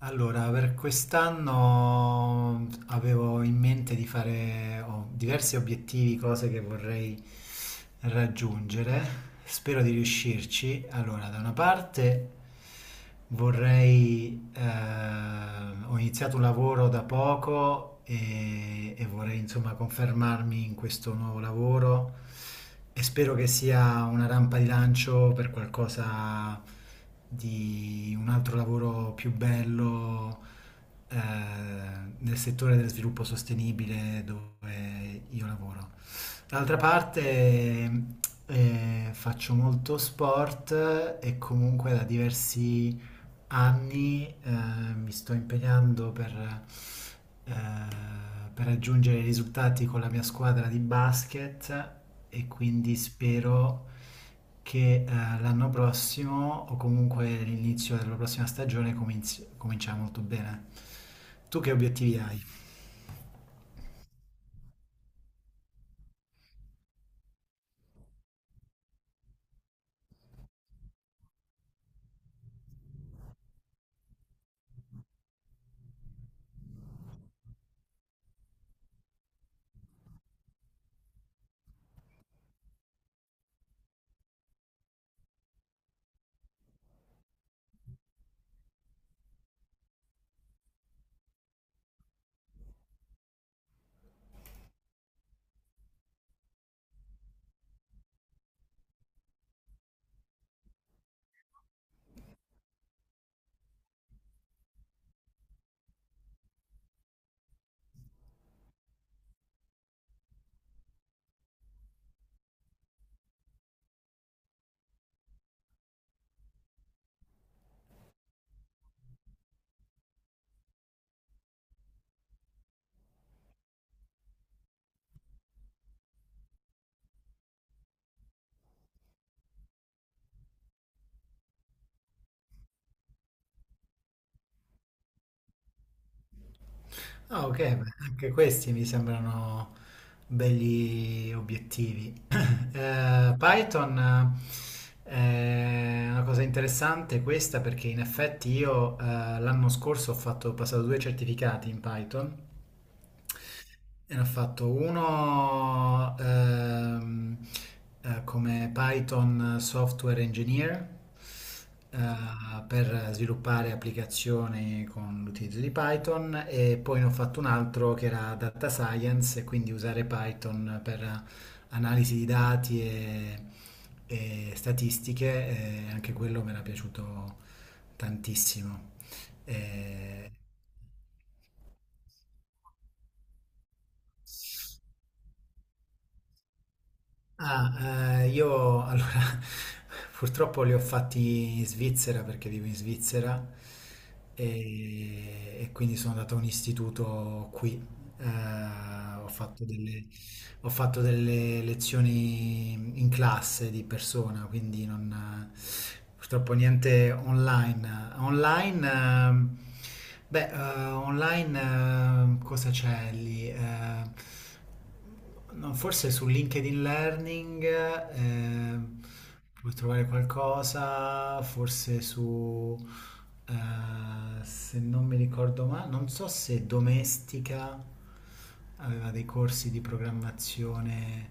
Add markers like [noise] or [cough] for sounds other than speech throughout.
Allora, per quest'anno avevo in mente di fare ho diversi obiettivi, cose che vorrei raggiungere. Spero di riuscirci. Allora, da una parte vorrei ho iniziato un lavoro da poco e vorrei insomma confermarmi in questo nuovo lavoro e spero che sia una rampa di lancio per qualcosa di un altro lavoro più bello, eh, nel settore dello sviluppo sostenibile dove io lavoro. D'altra parte faccio molto sport e comunque da diversi anni mi sto impegnando eh, per raggiungere i risultati con la mia squadra di basket e quindi spero che l'anno prossimo o comunque l'inizio della prossima stagione comincia molto bene. Tu che obiettivi hai? Ah, ok, beh, anche questi mi sembrano belli obiettivi. [clears throat] Python eh, è una cosa interessante questa perché in effetti io l'anno scorso ho passato due certificati in Python e ne ho fatto uno come Python Software Engineer, eh, per sviluppare applicazioni con l'utilizzo di Python e poi ne ho fatto un altro che era Data Science e quindi usare Python per analisi di dati e statistiche e anche quello mi era piaciuto tantissimo. E- io allora [laughs] purtroppo li ho fatti in Svizzera perché vivo in Svizzera e quindi sono andato a un istituto qui. Eh, ho fatto delle, Ho fatto delle lezioni in classe di persona, quindi non, purtroppo niente online. Online, online cosa c'è lì? No, forse su LinkedIn Learning ehm, puoi trovare qualcosa, se non mi ricordo male, non so se domestica aveva dei corsi di programmazione,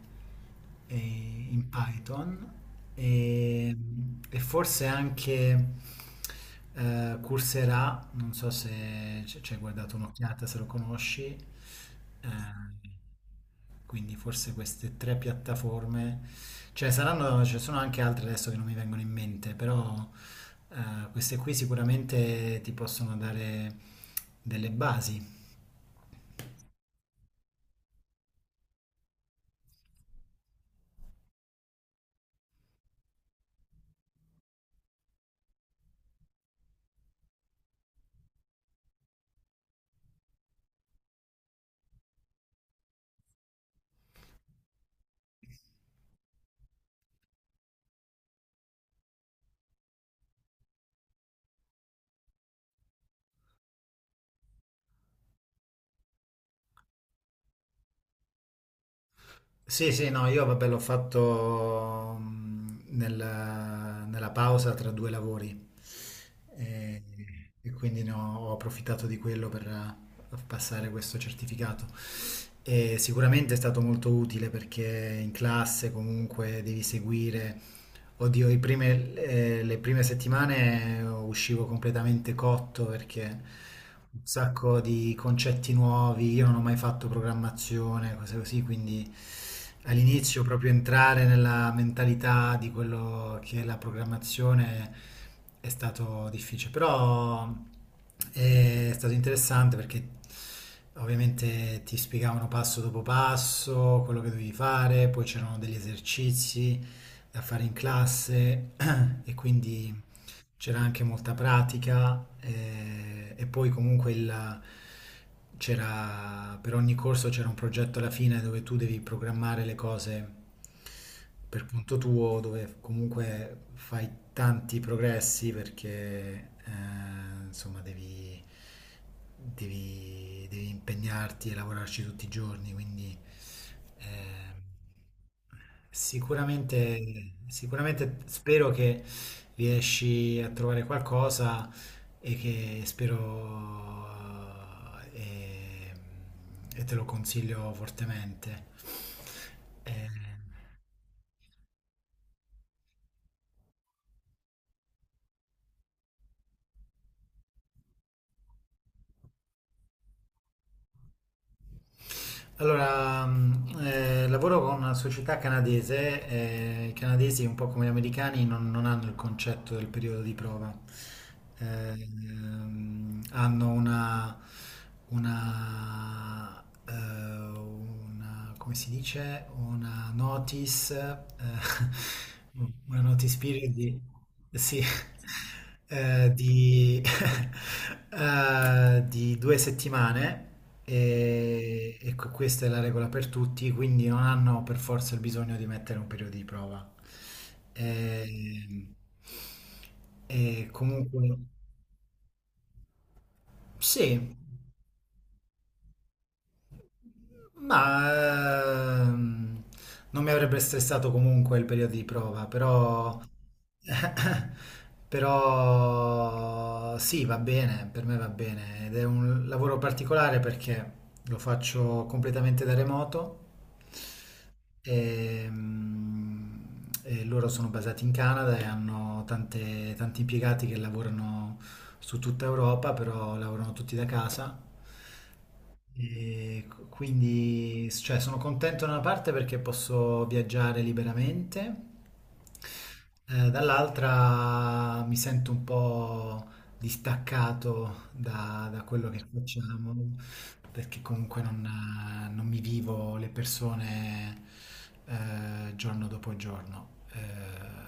eh, in Python e, e forse anche Coursera, non so se ci hai guardato un'occhiata, se lo conosci. eh, quindi forse queste tre piattaforme, cioè saranno, ce ne sono anche altre adesso che non mi vengono in mente, però queste qui sicuramente ti possono dare delle basi. Sì, sì, no, io vabbè l'ho fatto nella pausa tra due lavori e, e quindi ho approfittato di quello per passare questo certificato. E sicuramente è stato molto utile perché in classe comunque devi seguire. Oddio, le prime settimane uscivo completamente cotto perché un sacco di concetti nuovi, io non ho mai fatto programmazione, cose così, quindi all'inizio proprio entrare nella mentalità di quello che è la programmazione è stato difficile, però è stato interessante perché ovviamente ti spiegavano passo dopo passo quello che dovevi fare, poi c'erano degli esercizi da fare in classe [clears throat] e quindi c'era anche molta pratica, c'era, per ogni corso c'era un progetto alla fine dove tu devi programmare le cose per conto tuo, dove comunque fai tanti progressi perché insomma devi impegnarti e lavorarci tutti i giorni, quindi eh, sicuramente spero che riesci a trovare qualcosa e che spero eh, e, e te lo consiglio fortemente. Eh, allora, lavoro con una società canadese. Eh, i canadesi un po' come gli americani non hanno il concetto del periodo di prova. Hanno una, come si dice, una notice, [laughs] una notice period sì, eh, di, [laughs] di due settimane e questa è la regola per tutti, quindi non hanno per forza il bisogno di mettere un periodo di prova. Ehm, E, comunque, sì. Ma ehm, Non mi avrebbe stressato comunque il periodo di prova, però, [laughs] però sì, va bene, per me va bene ed è un lavoro particolare perché lo faccio completamente da remoto e, mm, e loro sono basati in Canada e hanno tanti impiegati che lavorano su tutta Europa, però lavorano tutti da casa e cioè, sono contento da una parte perché posso viaggiare liberamente, dall'altra mi sento un po' distaccato da quello che facciamo, perché comunque non mi vivo le persone, giorno dopo giorno.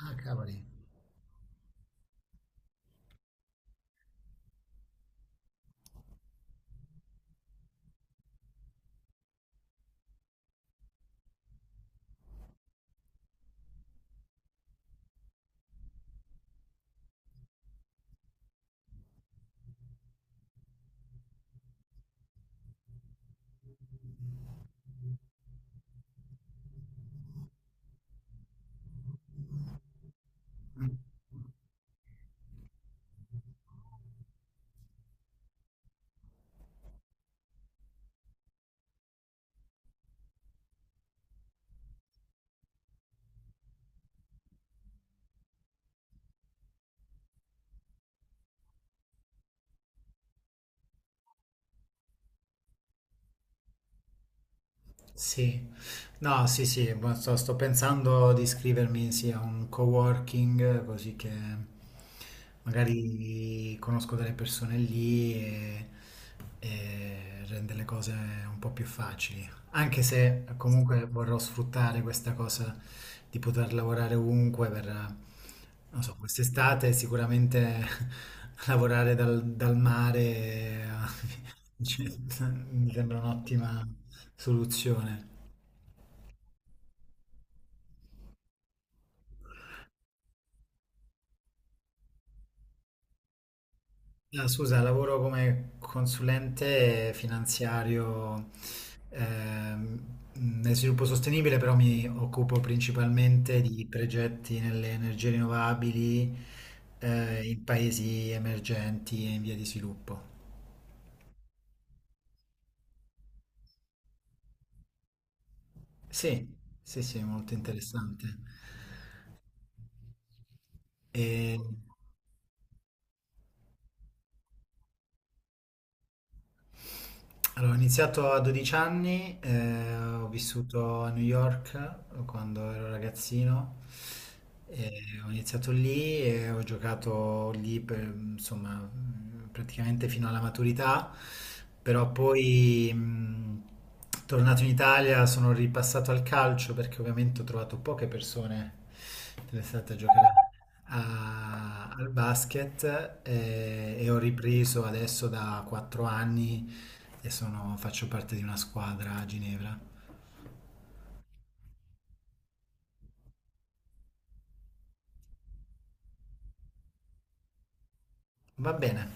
Ah, cavoli. Sì, no, sì, sì, ma sto pensando di iscrivermi sì, a un coworking così che magari conosco delle persone lì e rende le cose un po' più facili. Anche se comunque vorrò sfruttare questa cosa di poter lavorare ovunque per, non so, quest'estate sicuramente [laughs] lavorare dal mare, [laughs] cioè, mi sembra un'ottima soluzione. Ah, scusa, lavoro come consulente finanziario. Nel sviluppo sostenibile però mi occupo principalmente di progetti nelle energie rinnovabili, in paesi emergenti e in via di sviluppo. Sì, sì, sì, molto interessante. E- Allora, ho iniziato a 12 anni, ho vissuto a New York, quando ero ragazzino, e ho iniziato lì e ho giocato lì per, insomma, praticamente fino alla maturità, però poi tornato in Italia sono ripassato al calcio perché ovviamente ho trovato poche persone interessate a giocare al basket e ho ripreso adesso da 4 anni e faccio parte di una squadra a Ginevra. Va bene,